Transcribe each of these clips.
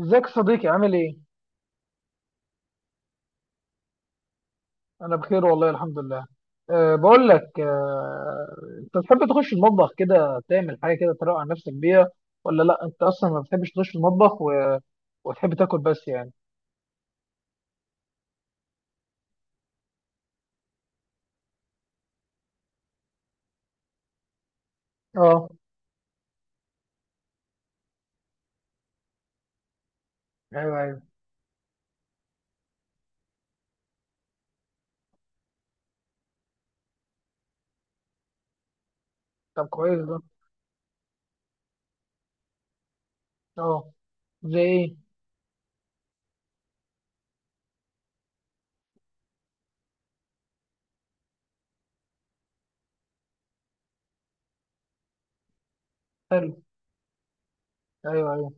ازيك يا صديقي؟ عامل ايه؟ انا بخير والله الحمد لله. بقول لك، انت بتحب تخش المطبخ كده تعمل حاجه كده تروق على نفسك بيها ولا لا؟ انت اصلا ما بتحبش تخش المطبخ و... وتحب تاكل بس يعني. اه، ايوه ايوه. طب كويس ده. اه. زي ايه؟ حلو. ايوه ايوه.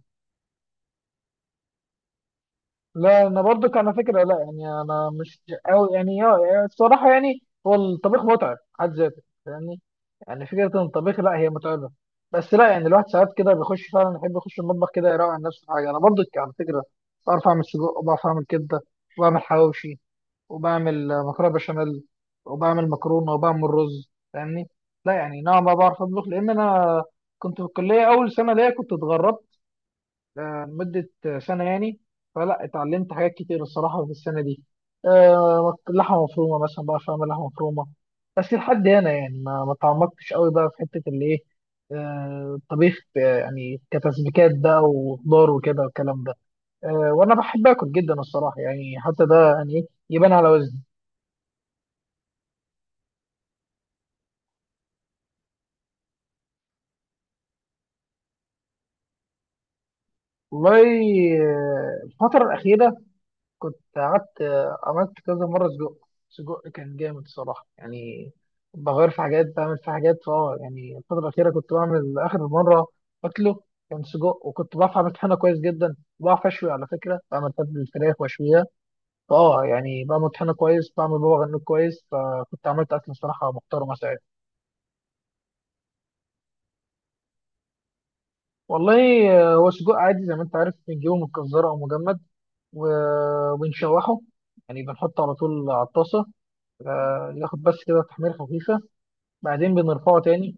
لا انا برضو كان فكره، لا يعني انا مش قوي يعني، اه الصراحه، يعني هو الطبيخ متعب حد ذاته يعني، يعني فكره ان الطبيخ، لا هي متعبه، بس لا يعني الواحد ساعات كده بيخش فعلا يحب يخش المطبخ كده يروق عن نفسه حاجه. انا برضو على فكره بعرف اعمل سجق وبعرف اعمل كبده وبعمل حواوشي وبعمل مكرونه بشاميل وبعمل مكرونه وبعمل رز فاهمني. لا يعني نوعا ما بعرف اطبخ، لان انا كنت في الكليه اول سنه ليا كنت اتغربت لمدة سنة يعني، فلا اتعلمت حاجات كتير الصراحة في السنة دي. لحمة مفرومة مثلا بقى، فاهم، لحمة مفرومة، بس لحد هنا يعني، ما تعمقتش قوي بقى في حتة اللي ايه، الطبيخ يعني كتسبيكات بقى وخضار وكده والكلام ده. وانا بحب اكل جدا الصراحة، يعني حتى ده يعني يبان على وزني. والله، الفترة الأخيرة كنت قعدت عملت كذا مرة سجق. سجق كان جامد صراحة يعني، بغير في حاجات بعمل في حاجات فاه، يعني الفترة الأخيرة كنت بعمل آخر مرة أكله كان سجق، وكنت بعرف أعمل طحينة كويس جدا، بعرف أشوي على فكرة، بعمل تبل الفراخ وأشويها، فاه يعني بعمل طحينة كويس، بعمل بابا غنوج كويس، فكنت عملت أكل صراحة محترمة ساعتها. والله هو سجق عادي زي ما أنت عارف، بنجيبه من الجزارة أو مجمد وبنشوحه، يعني بنحطه على طول على الطاسة، ياخد بس كده تحمير خفيفة، بعدين بنرفعه تاني.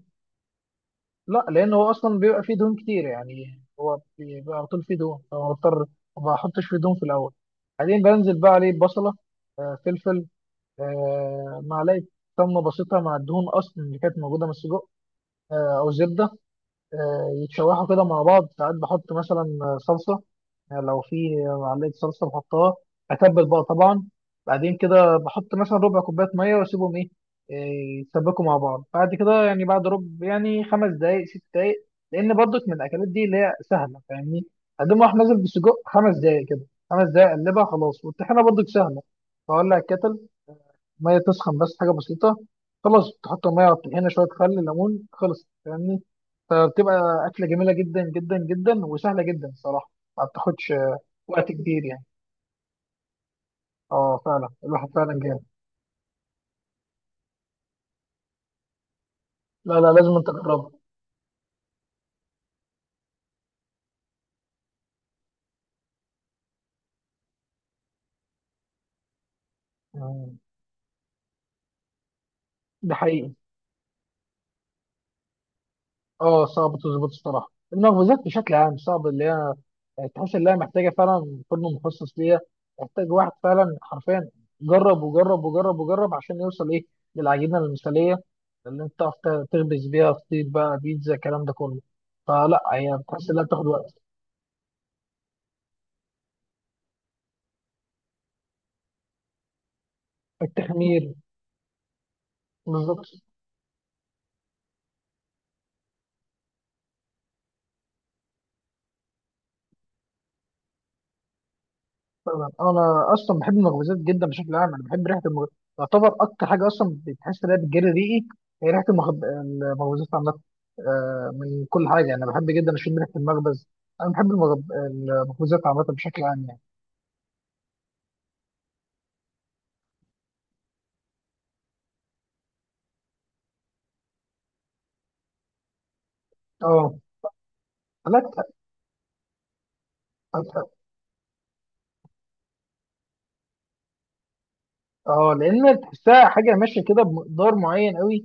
لا، لأن هو أصلا بيبقى فيه دهون كتير، يعني هو بيبقى على طول فيه دهون، فأنا بضطر ما بحطش فيه دهون في الأول. بعدين بنزل بقى عليه بصلة، فلفل، معلقة سمنة بسيطة مع الدهون أصلا اللي كانت موجودة من السجق، أو زبدة، يتشوحوا كده مع بعض. ساعات بحط مثلا صلصة، يعني لو في معلقه صلصه بحطها، اتبل بقى طبعا. بعدين كده بحط مثلا ربع كوبايه ميه واسيبهم ايه، يتسبكوا مع بعض. بعد كده يعني بعد ربع، يعني خمس دقائق ست دقائق، لان برضك من الاكلات دي اللي هي سهله فاهمني، اقوم راح نازل بسجق خمس دقائق كده. خمس دقائق اقلبها خلاص. والطحينه برضك سهله، فولع الكتل، ميه تسخن بس حاجه بسيطه، خلاص تحط الميه على الطحينه شويه خل ليمون خلص فاهمني. فبتبقى اكله جميله جدا جدا جدا وسهله جدا صراحه، ما بتاخدش وقت كبير يعني. اه فعلا الواحد فعلا جامد. لا لا، لازم انت تجربه. مم. ده حقيقي، اه صعب تظبط الصراحه. المخبوزات بشكل عام صعب، اللي هي تحس ان هي محتاجه فعلا فرن مخصص ليها، محتاج واحد فعلا حرفيا جرب وجرب وجرب وجرب عشان يوصل ايه، للعجينه المثاليه اللي انت تعرف تخبز بيها فطير بقى، بيتزا، الكلام ده كله. فلا، هي بتحس انها بتاخد وقت التخمير. بالظبط. طبعا انا اصلا بحب المخبوزات جدا بشكل عام، انا بحب ريحه المخ... تعتبر اكتر حاجه اصلا بتحس ان هي بتجري ريقي، هي ريحه المخب... المخبوزات عامه من كل حاجه يعني. انا بحب جدا اشم ريحه المخبز، انا بحب المغب... المخبوزات عامه بشكل عام يعني. اه. لا ت- اه لان تحسها حاجه ماشيه كده بمقدار معين قوي،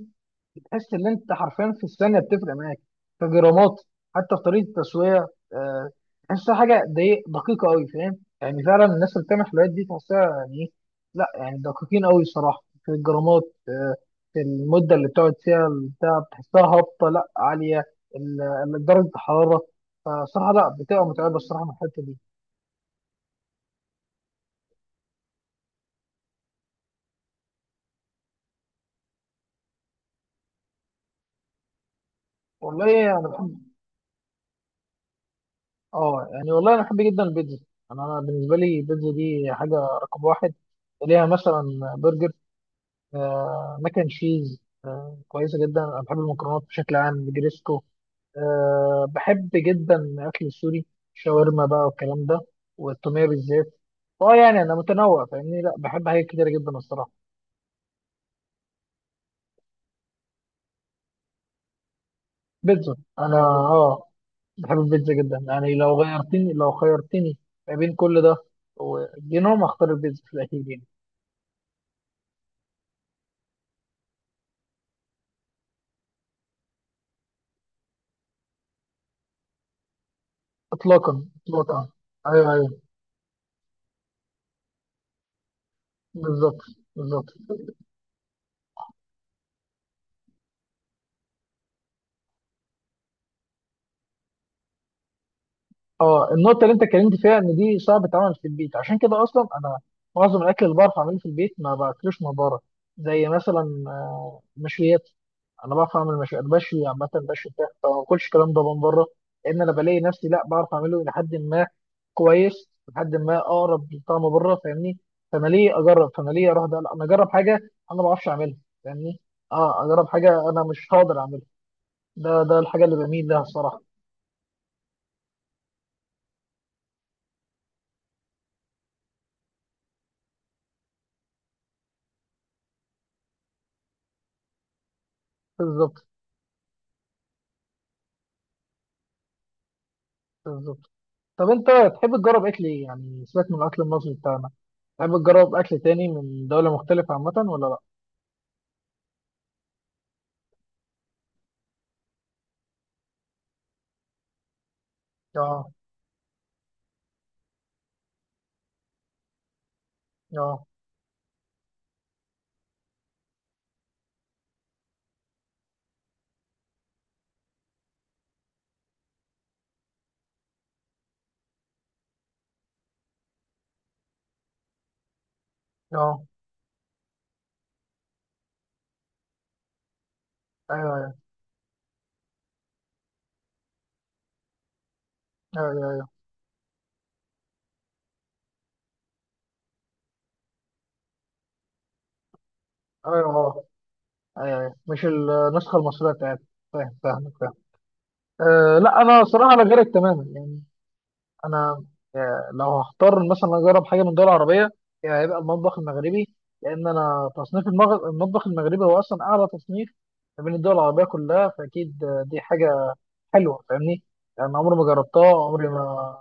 تحس ان انت حرفيا في الثانيه بتفرق معاك كجرامات، حتى في طريقه التسويه. آه، تحسها حاجه دي دقيقه قوي فاهم يعني، فعلا الناس اللي بتعمل حلويات دي تحسها يعني ايه، لا يعني دقيقين قوي صراحه في الجرامات، آه، في المده اللي بتقعد فيها البتاع بتحسها هابطه لا عاليه ال- درجه الحراره، فصراحه لا بتبقى متعبه الصراحه من الحته دي. والله انا بحب، اه يعني والله انا بحب جدا البيتزا. أنا بالنسبه لي البيتزا دي حاجه رقم واحد، ليها مثلا برجر، ماك اند تشيز كويسه جدا، انا بحب المكرونات بشكل عام، جريسكو، بحب جدا الاكل السوري شاورما بقى والكلام ده، والتوميه بالذات. اه يعني انا متنوع فاهمني، لا بحب حاجات كتيره جدا الصراحه. بيتزا، انا اه بحب البيتزا جدا يعني، لو غيرتني لو خيرتني ما بين كل ده ودينهم هختار البيتزا في الاخير يعني. اطلاقا اطلاقا. ايوه ايوه. بالظبط. بالظبط. اه النقطة اللي انت اتكلمت فيها، ان دي صعب تتعمل في البيت، عشان كده اصلا انا معظم الاكل اللي بعرف اعمله في البيت ما باكلوش من بره، زي مثلا مشويات، انا بعرف اعمل مشويات، بشوي عامة، بشوي بتاع، فما باكلش الكلام ده من بره، لان انا بلاقي نفسي لا بعرف اعمله لحد ما كويس، لحد ما اقرب لطعم بره فاهمني. فانا ليه اجرب، فانا ليه اروح، ده لا انا اجرب حاجة انا ما بعرفش اعملها فاهمني، اه اجرب حاجة انا مش هقدر اعملها. ده الحاجة اللي بميل لها الصراحة. بالظبط. بالظبط. طب انت تحب تجرب اكل ايه يعني؟ سيبك من الاكل المصري بتاعنا، تحب تجرب اكل تاني من دولة مختلفة عامة ولا لا؟ اه. اه. اه. ايوه ايوه. ايوه ايوه. ايوه اه. ايوه ايوه مش النسخة المصرية بتاعتك، فاهم، فاهمك، فاهم. أه لا، انا صراحة انا غيرك تماما يعني. انا لو هختار مثلا اجرب حاجة من دولة عربية يعني هيبقى المطبخ المغربي، لان انا تصنيف المطبخ المغربي هو اصلا اعلى تصنيف ما بين الدول العربية كلها، فاكيد دي حاجة حلوه فاهمني. يعني عمري ما جربتها، عمري ما،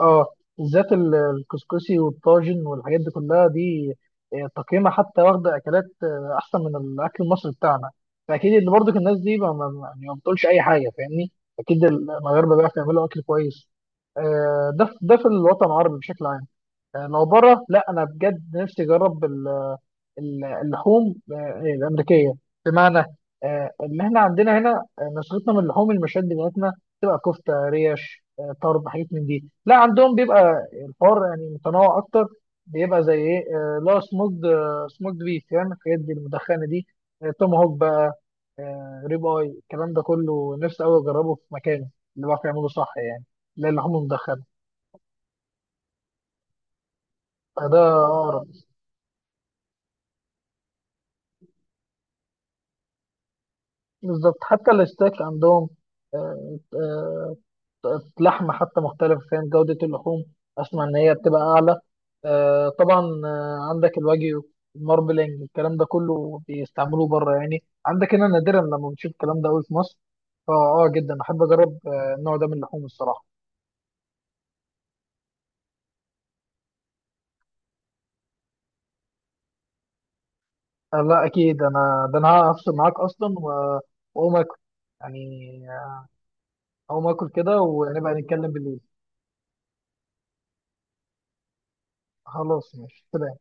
اه بالذات الكسكسي والطاجن والحاجات دي كلها دي تقييمها حتى واخده اكلات احسن من الاكل المصري بتاعنا، فاكيد اللي برضو الناس دي يعني ما بتقولش اي حاجه فاهمني، اكيد المغاربه بيعرفوا يعملوا اكل كويس. ده ده في الوطن العربي بشكل عام. لو بره لا، انا بجد نفسي اجرب اللحوم الامريكيه، بمعنى ان احنا عندنا هنا نسختنا من اللحوم المشاد بتاعتنا تبقى كفته، ريش، طرب، حاجات من دي. لا عندهم بيبقى الحوار يعني متنوع اكتر، بيبقى زي ايه، لا سموكد، سموكد بيف فاهم، الحاجات دي المدخنه دي، توم هوك بقى، ريب اي، الكلام ده كله نفسي قوي اجربه في مكانه اللي بيعرف يعمله صح يعني، لا اللحوم المدخنه. فده اقرب. بالظبط. حتى الستيك عندهم آه، آه، لحم حتى مختلف فاهم، جودة اللحوم أسمع إن هي بتبقى أعلى طبعا. عندك الواجيو، الماربلينج، الكلام ده كله بيستعملوه بره يعني، عندك هنا نادرا لما بنشوف الكلام ده قوي في مصر، فأه جدا أحب أجرب النوع ده من اللحوم الصراحة. لا أكيد، أنا ده أنا هفصل معاك أصلا وأقوم آكل يعني، آه، أقوم آكل كده ونبقى نتكلم بالليل. خلاص ماشي، سلام.